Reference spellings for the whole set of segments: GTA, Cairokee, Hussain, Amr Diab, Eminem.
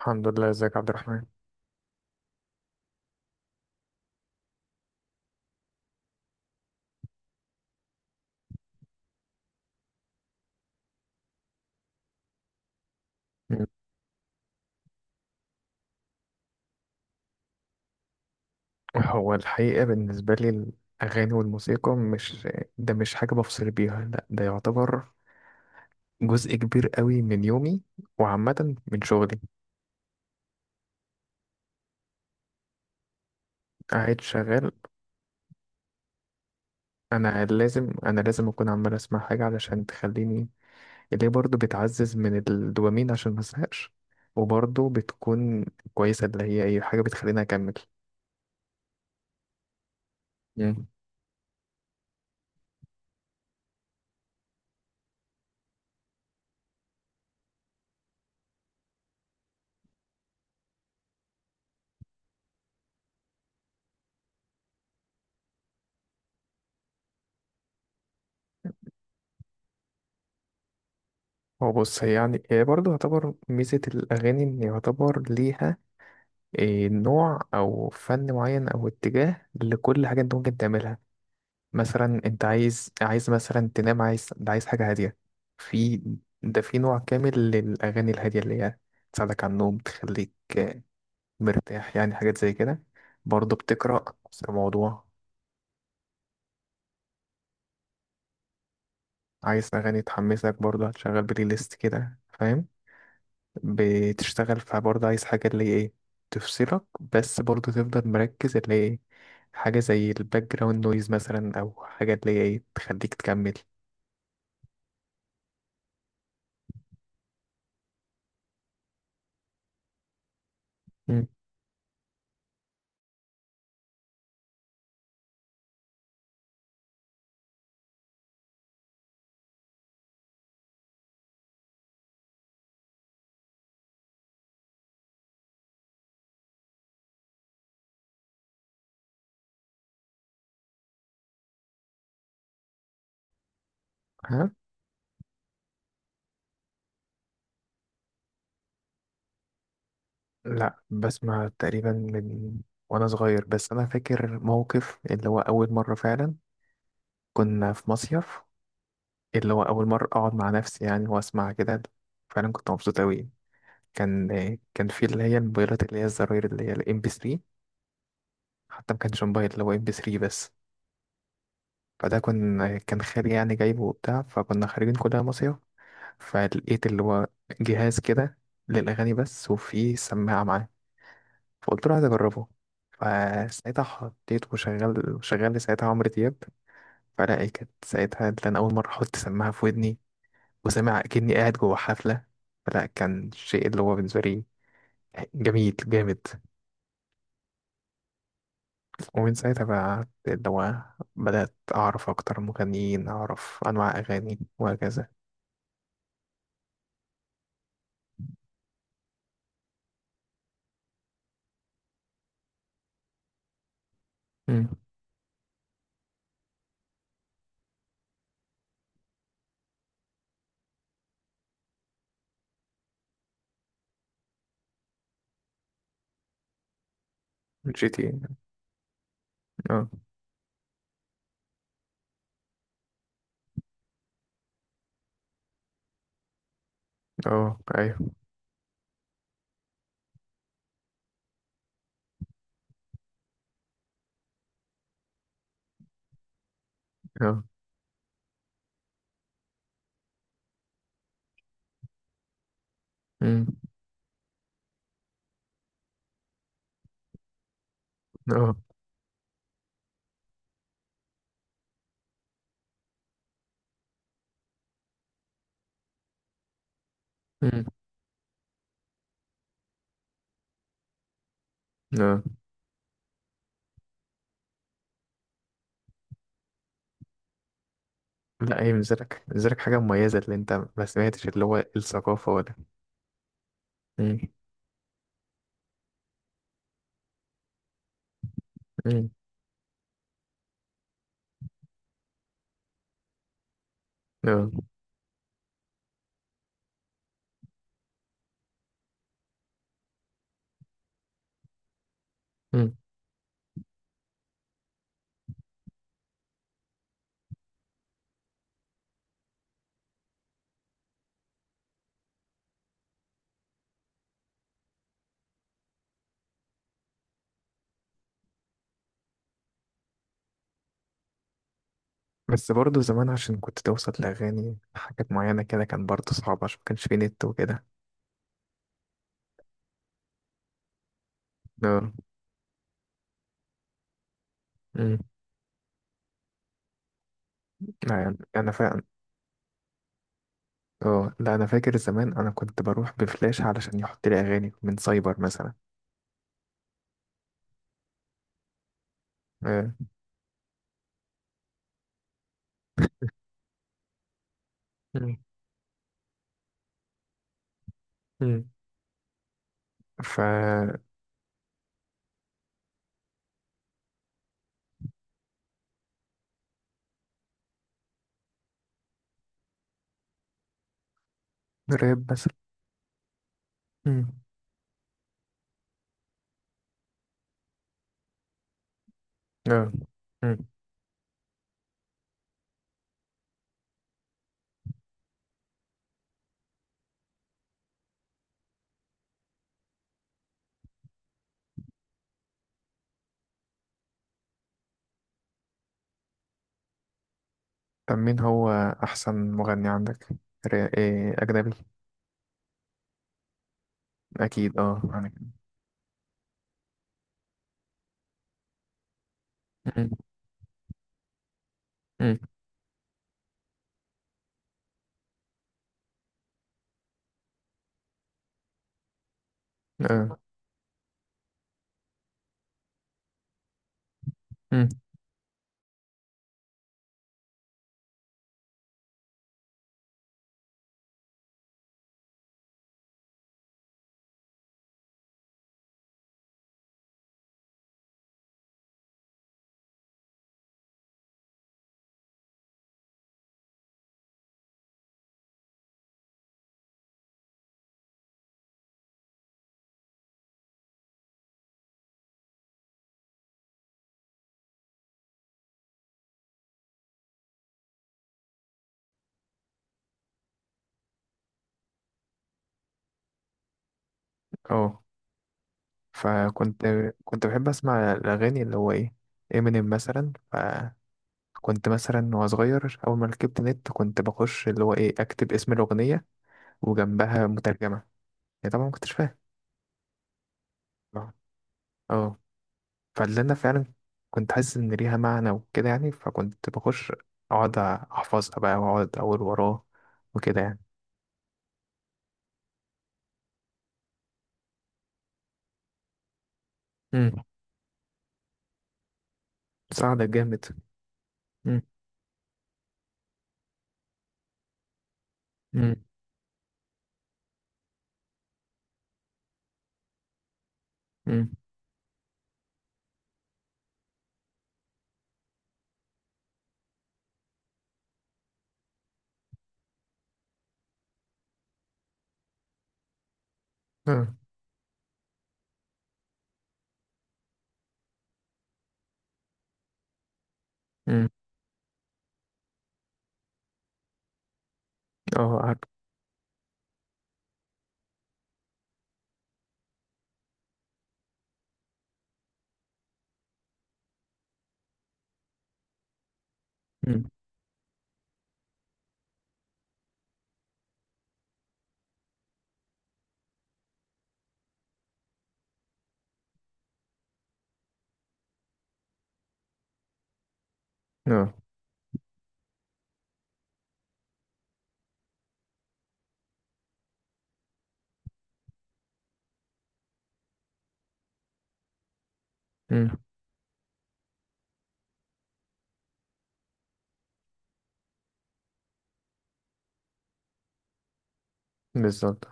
الحمد لله، ازيك يا عبد الرحمن؟ مم. هو الحقيقة بالنسبة لي الأغاني والموسيقى مش ده مش حاجة بفصل بيها، لا ده يعتبر جزء كبير قوي من يومي، وعامة من شغلي. قاعد شغال. أنا لازم أكون عمال أسمع حاجة علشان تخليني، اللي هي برضه بتعزز من الدوبامين عشان مزهقش، وبرضه بتكون كويسة، اللي هي أي حاجة بتخليني أكمل. مم. هو بص، هي يعني هي برضه يعتبر ميزة الأغاني إن يعتبر ليها إيه، نوع او فن معين او اتجاه لكل حاجه انت ممكن تعملها. مثلا انت عايز مثلا تنام، عايز حاجه هاديه، في ده في نوع كامل للاغاني الهاديه اللي هي تساعدك على النوم، تخليك آه، مرتاح، يعني حاجات زي كده. برضه بتقرا نفس الموضوع. عايز اغاني تحمسك، برضه هتشغل بلاي ليست كده، فاهم. بتشتغل فبرضه عايز حاجة اللي هي ايه تفصلك، بس برضه تفضل مركز، اللي هي ايه حاجة زي الباك جراوند نويز مثلا، أو حاجة اللي هي ايه تخليك تكمل. مم. ها. لا، بسمع تقريبا من وأنا صغير، بس أنا فاكر موقف اللي هو أول مرة فعلا. كنا في مصيف، اللي هو أول مرة أقعد مع نفسي يعني وأسمع كده. فعلا كنت مبسوط أوي. كان كان في اللي هي الموبايلات اللي هي الزراير، اللي هي الام بي 3. حتى ما كانش موبايل، اللي هو ام بي 3 بس. فده كان خالي يعني جايبه وبتاع، فكنا خارجين كلنا مصيف. فلقيت اللي هو جهاز كده للأغاني بس، وفيه سماعة معاه. فقلت له عايز أجربه. فساعتها حطيت وشغل، شغل لي ساعتها عمرو دياب. فلا إيه، كانت ساعتها اللي أنا أول مرة أحط سماعة في ودني، وسامع أكني قاعد جوه حفلة. فلا، كان شيء اللي هو بالنسبة لي جميل جامد. ومن ساعتها بقى اللي هو بدأت أعرف أكتر مغنيين، أعرف أنواع أغاني، وهكذا. مم. جي تي إيه. اه. اه ايوه. اه. امم. اه. امم. اه. لا، هي بالنسبالك حاجة مميزة، اللي انت ما سمعتش اللي هو الثقافة ولا. امم. امم. اه. امم. بس برضه زمان عشان كنت توصل لأغاني حاجات معينة كده، كان برضه صعب عشان مكانش فيه نت وكده. اه. امم. لا يعني أنا فعلا. اه، لا أنا فاكر زمان أنا كنت بروح بفلاش علشان يحط لي أغاني من سايبر مثلا. اه. امم. امم. ف. راب مثلا. امم. اه. طب مين هو أحسن مغني عندك؟ إيه أجنبي؟ أكيد أه يعني. مم. مم. أه. مم. أه. فكنت كنت بحب أسمع الأغاني، اللي هو إيه، إمينيم مثلا، فكنت مثلا وأنا صغير، أول ما ركبت نت كنت بخش اللي هو إيه، أكتب اسم الأغنية وجنبها مترجمة، يعني طبعا ما كنتش فاهم. أه. أه. فاللي أنا فعلا كنت حاسس إن ليها معنى وكده يعني، فكنت بخش أقعد أحفظها بقى وأقعد أقول وراه وكده. يعني ساعدك جامد. مم. مم. مم. اه. مم. اه عارف. مم. اه. مم. بالظبط.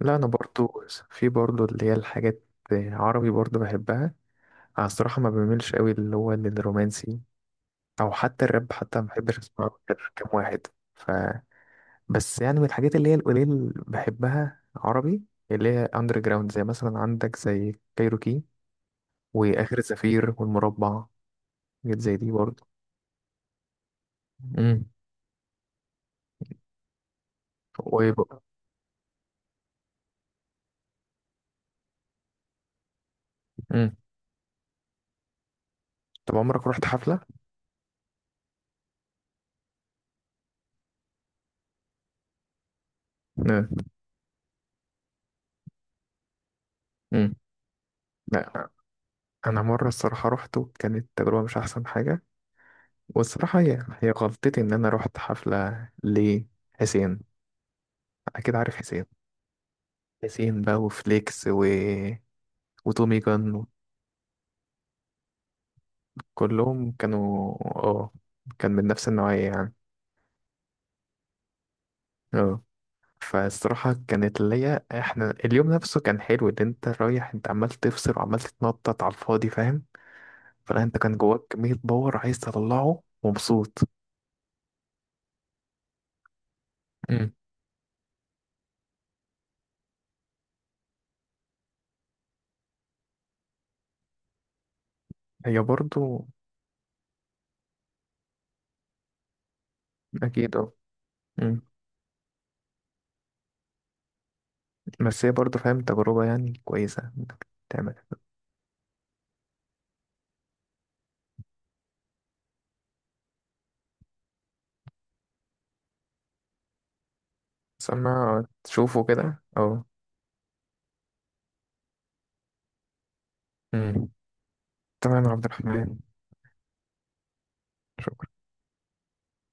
لا انا برضو في برضو اللي هي الحاجات عربي برضو بحبها. انا الصراحة ما بميلش قوي اللي هو الرومانسي، او حتى الراب، حتى ما بحبش اسمعه غير كام واحد. ف. بس يعني من الحاجات اللي هي القليل اللي بحبها عربي، اللي هي اندر جراوند، زي مثلا عندك زي كايروكي واخر زفير والمربع. حاجات زي دي برضو. امم. طب عمرك رحت حفلة؟ مم. مم. لا. أنا مرة الصراحة روحته، كانت تجربة مش أحسن حاجة. والصراحة هي غلطتي إن أنا روحت حفلة لحسين. أكيد عارف حسين. حسين بقى وفليكس و... وتومي جان. كلهم كانوا اه، كان من نفس النوعية يعني. اه. فالصراحة كانت ليا، احنا اليوم نفسه كان حلو، اللي انت رايح انت عمال تفصل وعمال تتنطط على الفاضي، فاهم. فلا، انت كان جواك كمية باور عايز تطلعه، ومبسوط. هي برضو. أكيد أه. مم. بس هي برضو فاهم تجربة يعني كويسة إنك تعمل. بس أما تشوفه كده أه. مم. تمام يا عبد الرحمن. شكرا.